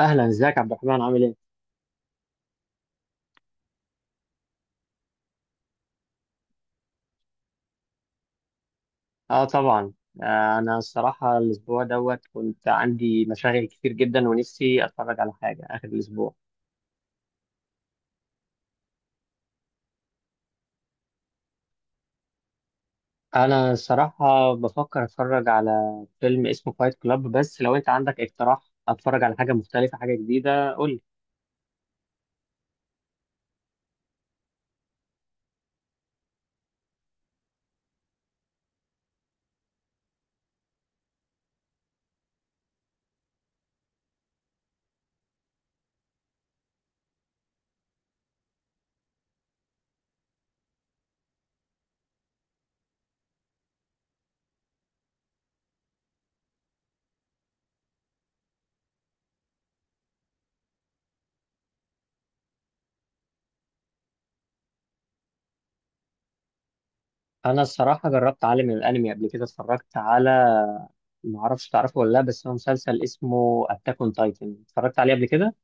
اهلا، ازيك عبد الرحمن؟ عامل ايه؟ اه، طبعا. انا الصراحه الاسبوع دوت كنت عندي مشاغل كتير جدا ونفسي اتفرج على حاجه اخر الاسبوع. انا الصراحه بفكر اتفرج على فيلم اسمه فايت كلاب، بس لو انت عندك اقتراح اتفرج على حاجه مختلفه حاجه جديده قول لي. انا الصراحه جربت عالم الانمي قبل كده، اتفرجت على، ما اعرفش تعرفه ولا لا، بس هو مسلسل اسمه اتاك اون تايتن اتفرجت عليه قبل كده.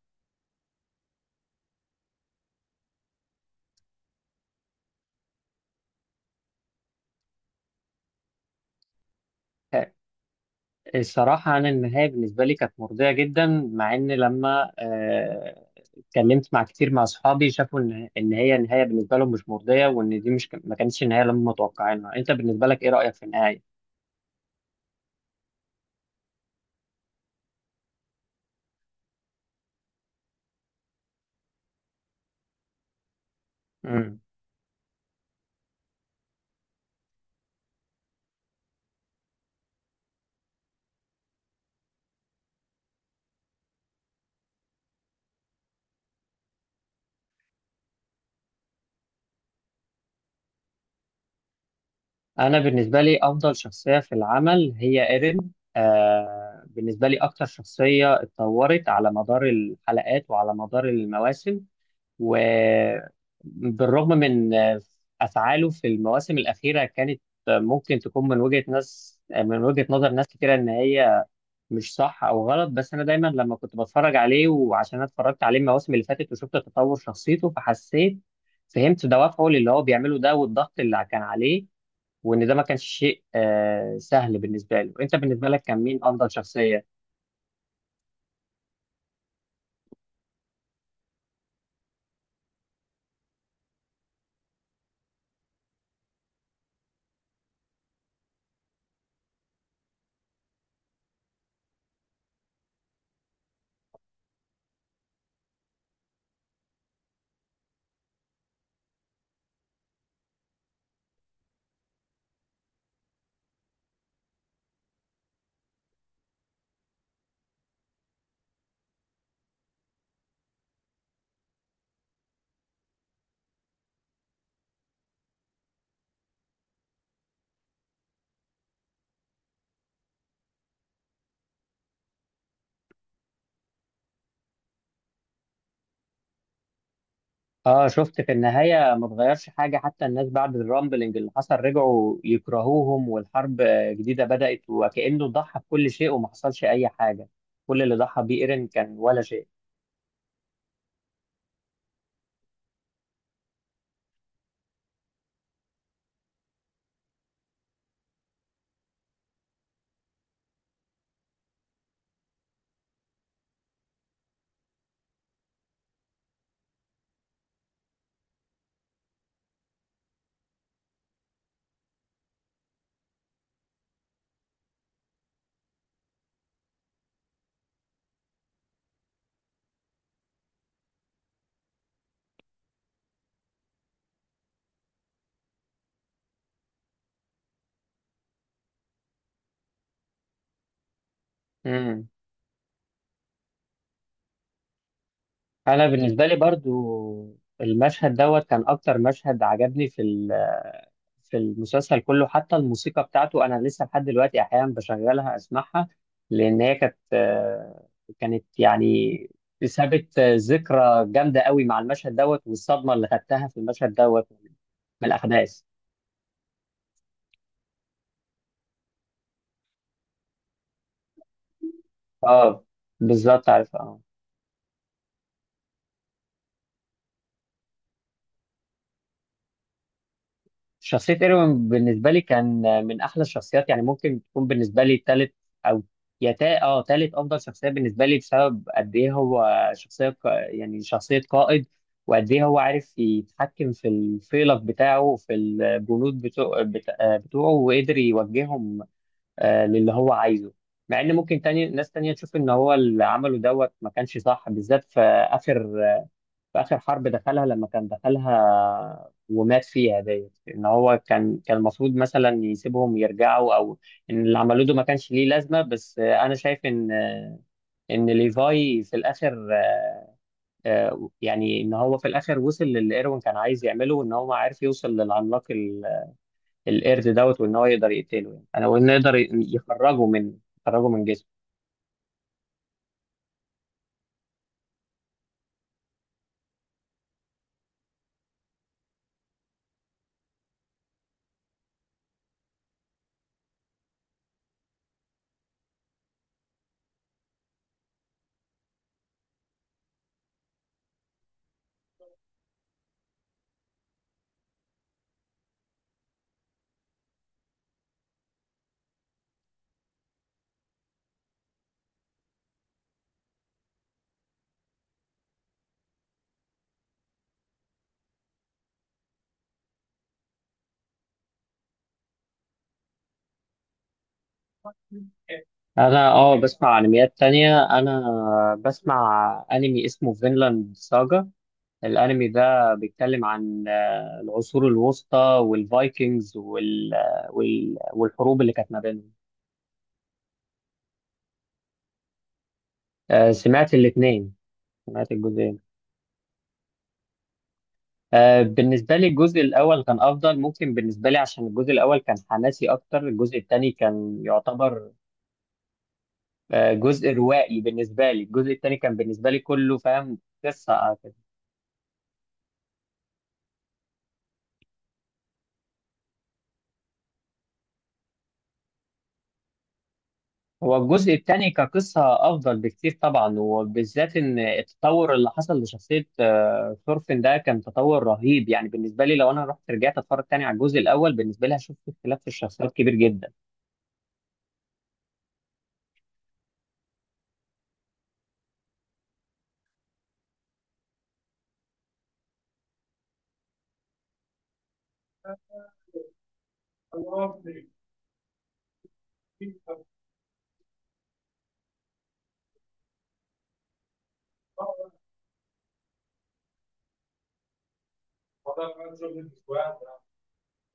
الصراحة أنا النهاية بالنسبة لي كانت مرضية جدا، مع إن لما اتكلمت مع كتير مع أصحابي شافوا إن هي النهاية بالنسبة لهم مش مرضية وإن دي مش ما كانتش النهاية اللي هم متوقعينها، أنت بالنسبة لك إيه رأيك في النهاية؟ امم أنا بالنسبة لي أفضل شخصية في العمل هي إيرين، بالنسبة لي أكتر شخصية اتطورت على مدار الحلقات وعلى مدار المواسم، وبالرغم من أفعاله في المواسم الأخيرة كانت ممكن تكون من وجهة ناس، من وجهة نظر ناس كتيرة إن هي مش صح أو غلط، بس أنا دايما لما كنت بتفرج عليه وعشان أنا اتفرجت عليه المواسم اللي فاتت وشفت تطور شخصيته فحسيت، فهمت دوافعه للي هو بيعمله ده والضغط اللي كان عليه، وإن ده ما كانش شيء سهل بالنسبة له. أنت بالنسبة لك كان مين أفضل شخصية؟ اه، شفت في النهاية ما اتغيرش حاجة، حتى الناس بعد الرامبلينج اللي حصل رجعوا يكرهوهم والحرب جديدة بدأت وكأنه ضحى بكل شيء وما حصلش أي حاجة، كل اللي ضحى بيه إيرين كان ولا شيء. انا بالنسبه لي برضو المشهد دوت كان اكتر مشهد عجبني في في المسلسل كله، حتى الموسيقى بتاعته انا لسه لحد دلوقتي احيانا بشغلها اسمعها، لان هي كانت كانت يعني سابت ذكرى جامده قوي مع المشهد دوت والصدمه اللي خدتها في المشهد دوت من الاحداث. اه، بالظبط عارف، اه. شخصية ايروين بالنسبة لي كان من أحلى الشخصيات، يعني ممكن تكون بالنسبة لي تالت، أو يا تا اه تالت أفضل شخصية بالنسبة لي، بسبب قد إيه هو شخصية يعني شخصية قائد، وقد إيه هو عارف يتحكم في الفيلق بتاعه وفي الجنود بتوعه وقدر يوجههم للي هو عايزه. مع إن ممكن تاني ناس تانية تشوف إن هو اللي عمله دوت ما كانش صح، بالذات آخر في آخر حرب دخلها لما كان دخلها ومات فيها ديت، إن هو كان المفروض مثلا يسيبهم يرجعوا أو إن اللي عملوه ده ما كانش ليه لازمة، بس أنا شايف إن إن ليفاي في الآخر يعني إن هو في الآخر وصل للي إيروين كان عايز يعمله، وإن هو عارف يوصل للعملاق القرد دوت، وإن هو يقدر يقتله، يعني أنا، وإنه يقدر يخرجه من يخرجه من جسمه. أنا بسمع أنميات تانية، أنا بسمع أنمي اسمه فينلاند ساجا. الانمي ده بيتكلم عن العصور الوسطى والفايكنجز والحروب اللي كانت ما بينهم. سمعت الاثنين، سمعت الجزئين. بالنسبة لي الجزء الأول كان أفضل، ممكن بالنسبة لي عشان الجزء الأول كان حماسي أكتر، الجزء الثاني كان يعتبر جزء روائي. بالنسبة لي الجزء الثاني كان بالنسبة لي كله فاهم قصة. هو الجزء الثاني كقصة أفضل بكتير طبعا، وبالذات إن التطور اللي حصل لشخصية ثورفين ده كان تطور رهيب، يعني بالنسبة لي لو أنا رحت رجعت أتفرج تاني على الجزء الأول بالنسبة لي هشوف في اختلاف في الشخصيات كبير جدا.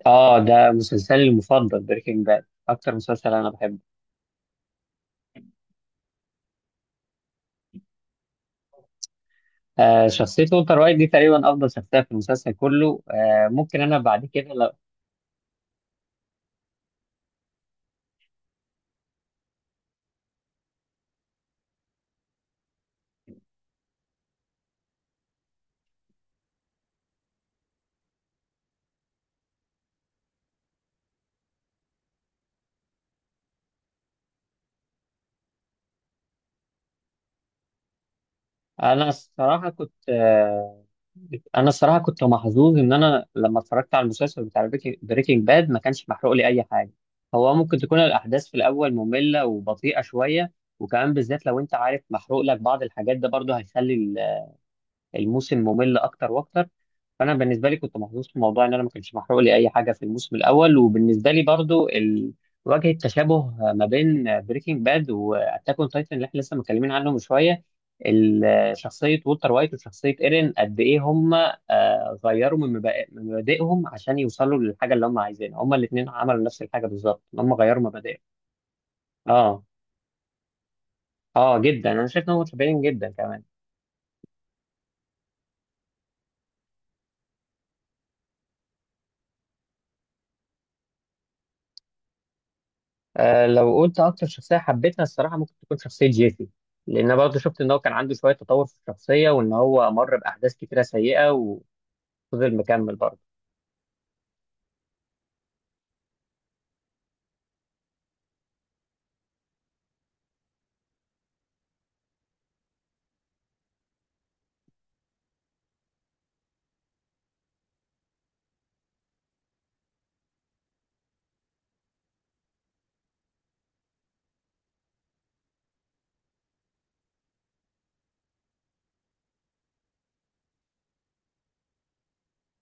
آه، ده مسلسلي المفضل، بريكنج باد أكتر مسلسل أنا بحبه. آه، شخصية والتر وايت دي تقريبا أفضل شخصية في المسلسل كله، آه ممكن أنا بعد كده لو، أنا الصراحة كنت آه، انا الصراحه كنت محظوظ ان انا لما اتفرجت على المسلسل بتاع بريكنج باد ما كانش محروق لي اي حاجه. هو ممكن تكون الاحداث في الاول ممله وبطيئه شويه، وكمان بالذات لو انت عارف محروق لك بعض الحاجات ده برضه هيخلي الموسم ممل اكتر واكتر. فانا بالنسبه لي كنت محظوظ في موضوع ان انا ما كانش محروق لي اي حاجه في الموسم الاول، وبالنسبه لي برضو واجهة تشابه ما بين بريكنج باد واتاك اون تايتن اللي احنا لسه متكلمين عنه من شويه. شخصيه وولتر وايت وشخصيه ايرين قد ايه هم غيروا من من مبادئهم عشان يوصلوا للحاجه اللي هم عايزينها، هم الاثنين عملوا نفس الحاجه بالظبط، هم غيروا مبادئهم. اه، اه جدا، انا شايف انهم متشابهين جدا كمان. لو قلت اكتر شخصيه حبيتها الصراحه ممكن تكون شخصيه جيسي، لان أنا برضه شفت ان هو كان عنده شويه تطور في الشخصيه وان هو مر باحداث كتيره سيئه وفضل مكمل برضه.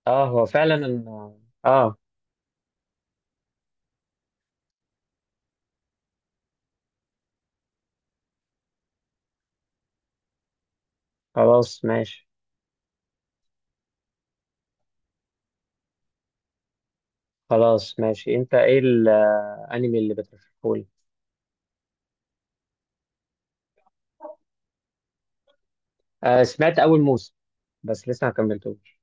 اه، هو فعلا. إن- اه خلاص ماشي. خلاص ماشي، انت ايه الانمي اللي بترشحه لي؟ آه، سمعت اول موسم بس لسه ما كملتوش.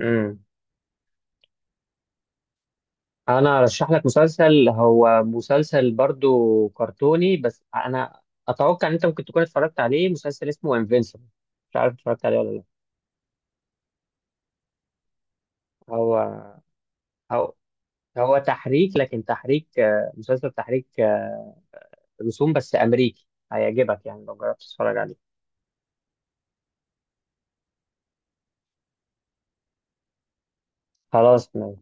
امم انا ارشح لك مسلسل، هو مسلسل برضه كرتوني، بس انا اتوقع ان انت ممكن تكون اتفرجت عليه، مسلسل اسمه انفينسيبل، مش عارف اتفرجت عليه ولا لا. هو هو هو تحريك، لكن تحريك مسلسل تحريك رسوم بس أمريكي، هيعجبك يعني لو جربت تتفرج عليه. خلاص ماشي.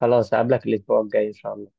خلاص أقابلك الأسبوع الجاي إن شاء الله.